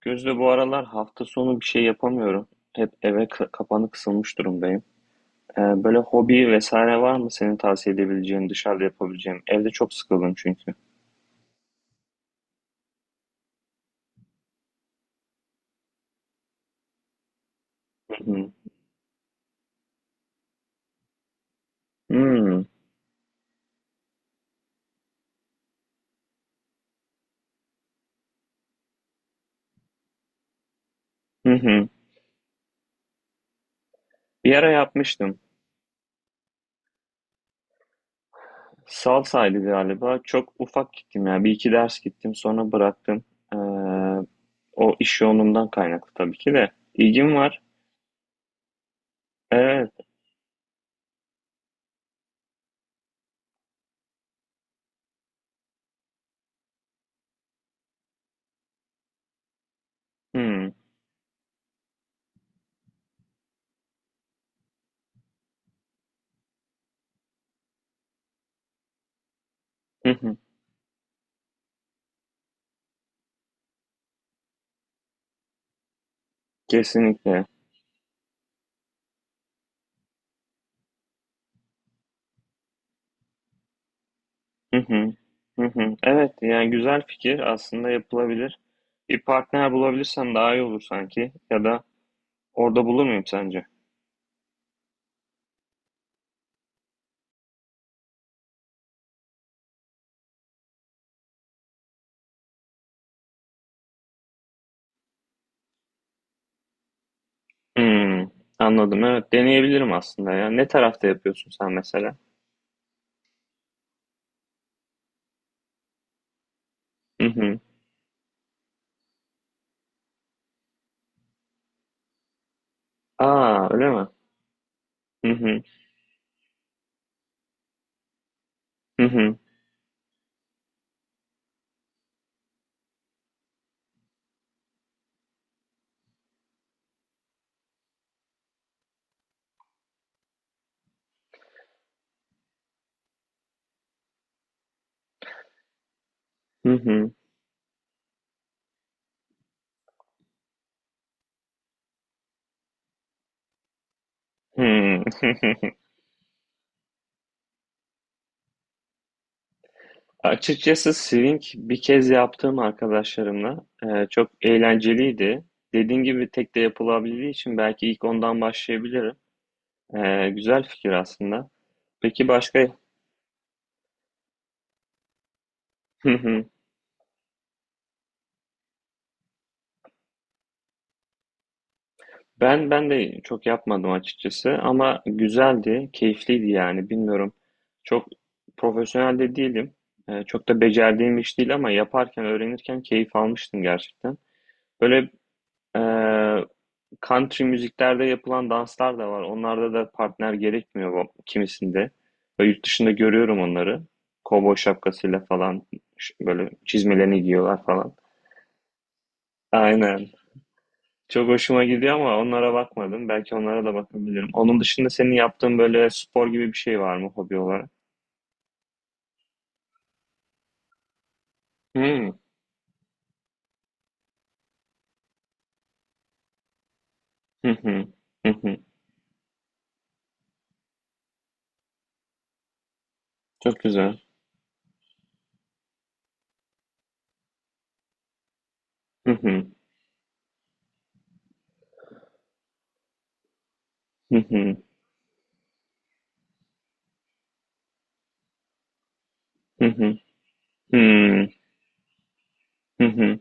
Gözde, bu aralar hafta sonu bir şey yapamıyorum. Hep eve kapanı kısılmış durumdayım. Böyle hobi vesaire var mı senin tavsiye edebileceğin, dışarıda yapabileceğim? Evde çok sıkıldım çünkü. Hı hı. Hı hı. Bir ara yapmıştım. Salsaydı galiba. Çok ufak gittim ya. Bir iki ders gittim, sonra bıraktım. Ee, O iş yoğunluğundan kaynaklı tabii ki de. İlgim var. Evet. Hı hı. Hı. Kesinlikle. Hı hı. Hı hı. Evet, yani güzel fikir, aslında yapılabilir. Bir partner bulabilirsem daha iyi olur sanki. Ya da orada bulur muyum sence? Hmm, anladım. Evet, deneyebilirim aslında ya. Ne tarafta yapıyorsun sen mesela? Hı hı. Aa, öyle mi? Hı hı. Hı hı. Hı hı. Hmm. Açıkçası swing bir kez yaptığım arkadaşlarımla çok eğlenceliydi. Dediğin gibi tek de yapılabildiği için belki ilk ondan başlayabilirim. Güzel fikir aslında. Peki başka? Ben de çok yapmadım açıkçası ama güzeldi, keyifliydi, yani bilmiyorum. Çok profesyonel de değilim. Çok da becerdiğim iş değil ama yaparken, öğrenirken keyif almıştım gerçekten. Böyle e, country müziklerde yapılan danslar da var. Onlarda da partner gerekmiyor kimisinde. Böyle yurt dışında görüyorum onları. Kovboy şapkasıyla falan, böyle çizmelerini giyiyorlar falan. Aynen. Çok hoşuma gidiyor ama onlara bakmadım. Belki onlara da bakabilirim. Onun dışında senin yaptığın böyle spor gibi bir şey var mı hobi olarak? Hmm. Hı hı. Hı hı. Çok güzel. Hı hı. Hı hı. Hı hı. Hmm. Hı hı.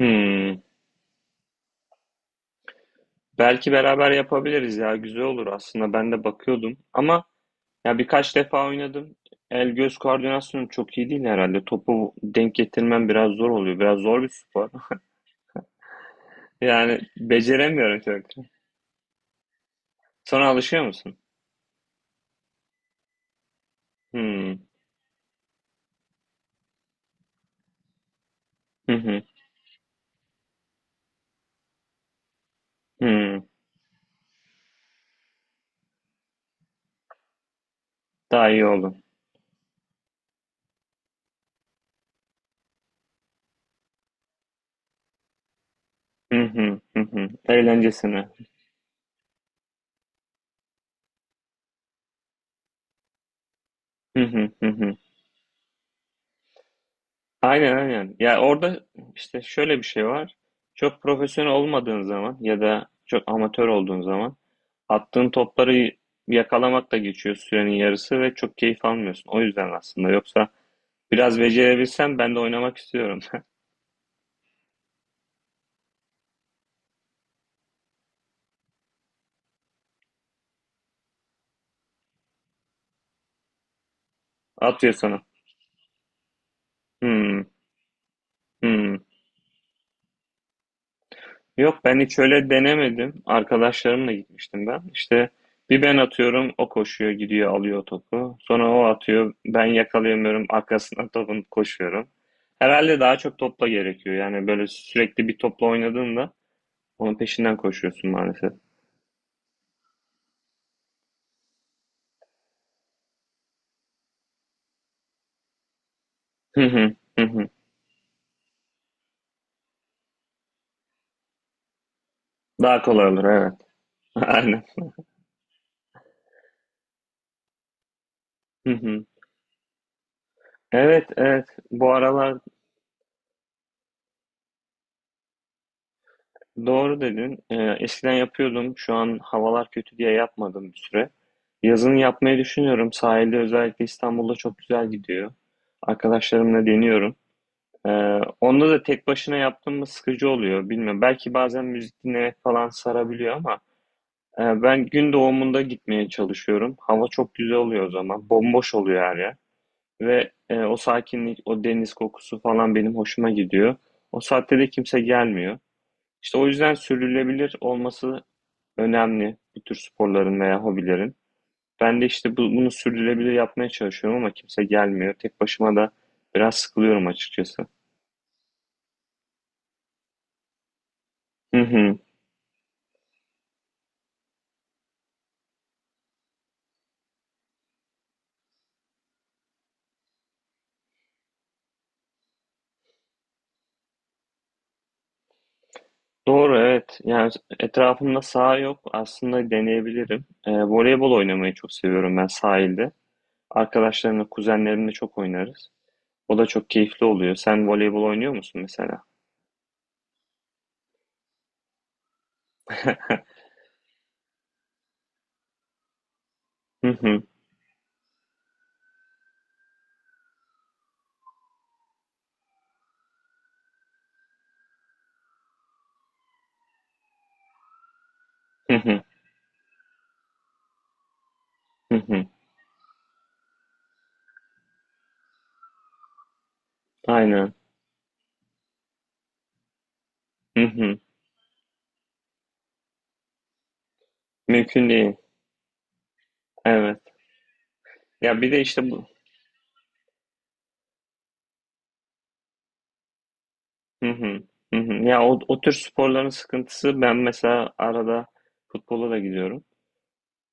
Hmm. Belki beraber yapabiliriz ya. Güzel olur aslında. Ben de bakıyordum. Ama ya birkaç defa oynadım. El göz koordinasyonum çok iyi değil herhalde. Topu denk getirmem biraz zor oluyor. Biraz zor bir spor. Yani beceremiyorum çok. Sonra alışıyor musun? Hmm. Hı hı. Hımm. Daha iyi oldu. Hı hı, hı hı. Eğlencesine. Hı hı, hı hı. Aynen, aynen. Ya, orada, işte, şöyle bir şey var. Çok profesyonel olmadığın zaman ya da çok amatör olduğun zaman attığın topları yakalamakla geçiyor sürenin yarısı ve çok keyif almıyorsun. O yüzden aslında. Yoksa biraz becerebilsem ben de oynamak istiyorum. At ya sana. Hımm. Hımm. Yok, ben hiç öyle denemedim. Arkadaşlarımla gitmiştim ben. İşte bir ben atıyorum, o koşuyor gidiyor alıyor topu. Sonra o atıyor, ben yakalayamıyorum, arkasına topun koşuyorum. Herhalde daha çok topla gerekiyor. Yani böyle sürekli bir topla oynadığında onun peşinden koşuyorsun maalesef. Hı hı, hı hı. Daha kolay olur, evet. Aynen. Hı hı. Evet, evet, bu aralar doğru dedin. Eskiden yapıyordum, şu an havalar kötü diye yapmadım bir süre. Yazın yapmayı düşünüyorum. Sahilde, özellikle İstanbul'da çok güzel gidiyor. Arkadaşlarımla deniyorum. Ee, Onda da tek başına yaptığım mı sıkıcı oluyor bilmiyorum. Belki bazen müzik dinlemek falan sarabiliyor ama ben gün doğumunda gitmeye çalışıyorum. Hava çok güzel oluyor o zaman. Bomboş oluyor her yer. Ve o sakinlik, o deniz kokusu falan benim hoşuma gidiyor. O saatte de kimse gelmiyor. İşte o yüzden sürdürülebilir olması önemli bu tür sporların veya hobilerin. Ben de işte bunu sürdürülebilir yapmaya çalışıyorum ama kimse gelmiyor. Tek başıma da biraz sıkılıyorum açıkçası. Hı hı. Doğru, evet. Yani etrafımda saha yok. Aslında deneyebilirim. Voleybol oynamayı çok seviyorum ben sahilde. Arkadaşlarımla, kuzenlerimle çok oynarız. O da çok keyifli oluyor. Sen voleybol oynuyor musun mesela? Hı hı. Hı hı. Hı hı. Aynen. Hı hı. Mümkün değil. Evet. Ya bir de işte bu. Hı hı. Hı hı. Ya o tür sporların sıkıntısı, ben mesela arada futbola da gidiyorum.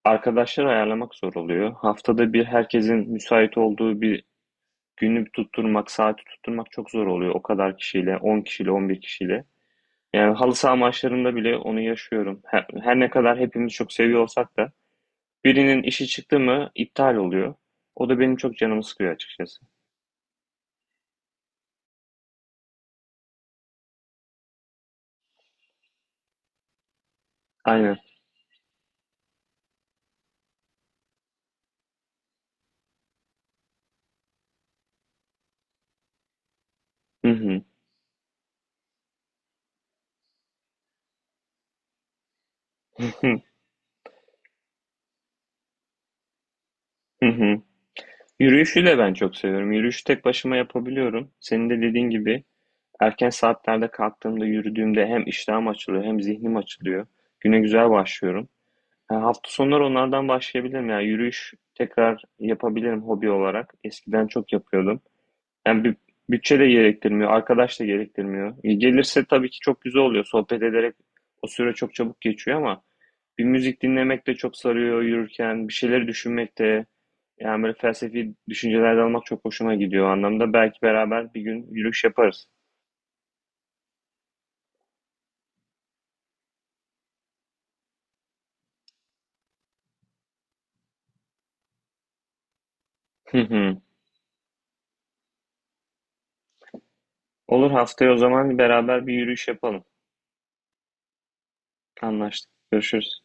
Arkadaşları ayarlamak zor oluyor. Haftada bir herkesin müsait olduğu bir günü tutturmak, saati tutturmak çok zor oluyor. O kadar kişiyle, 10 kişiyle, 11 kişiyle. Yani halı saha maçlarında bile onu yaşıyorum. Her ne kadar hepimiz çok seviyor olsak da birinin işi çıktı mı iptal oluyor. O da benim çok canımı sıkıyor açıkçası. Aynen. Hı hı. Yürüyüşü de ben çok seviyorum. Yürüyüşü tek başıma yapabiliyorum. Senin de dediğin gibi erken saatlerde kalktığımda, yürüdüğümde hem iştahım açılıyor hem zihnim açılıyor. Güne güzel başlıyorum. Ha, hafta sonları onlardan başlayabilirim. Yani yürüyüş tekrar yapabilirim hobi olarak. Eskiden çok yapıyordum. Yani bir bütçe de gerektirmiyor, arkadaş da gerektirmiyor. Gelirse tabii ki çok güzel oluyor. Sohbet ederek o süre çok çabuk geçiyor ama bir müzik dinlemek de çok sarıyor yürürken, bir şeyleri düşünmek de, yani böyle felsefi düşünceler de almak çok hoşuma gidiyor o anlamda. Belki beraber bir gün yürüyüş yaparız. Hı hı. Olur, haftaya o zaman beraber bir yürüyüş yapalım. Anlaştık. Görüşürüz.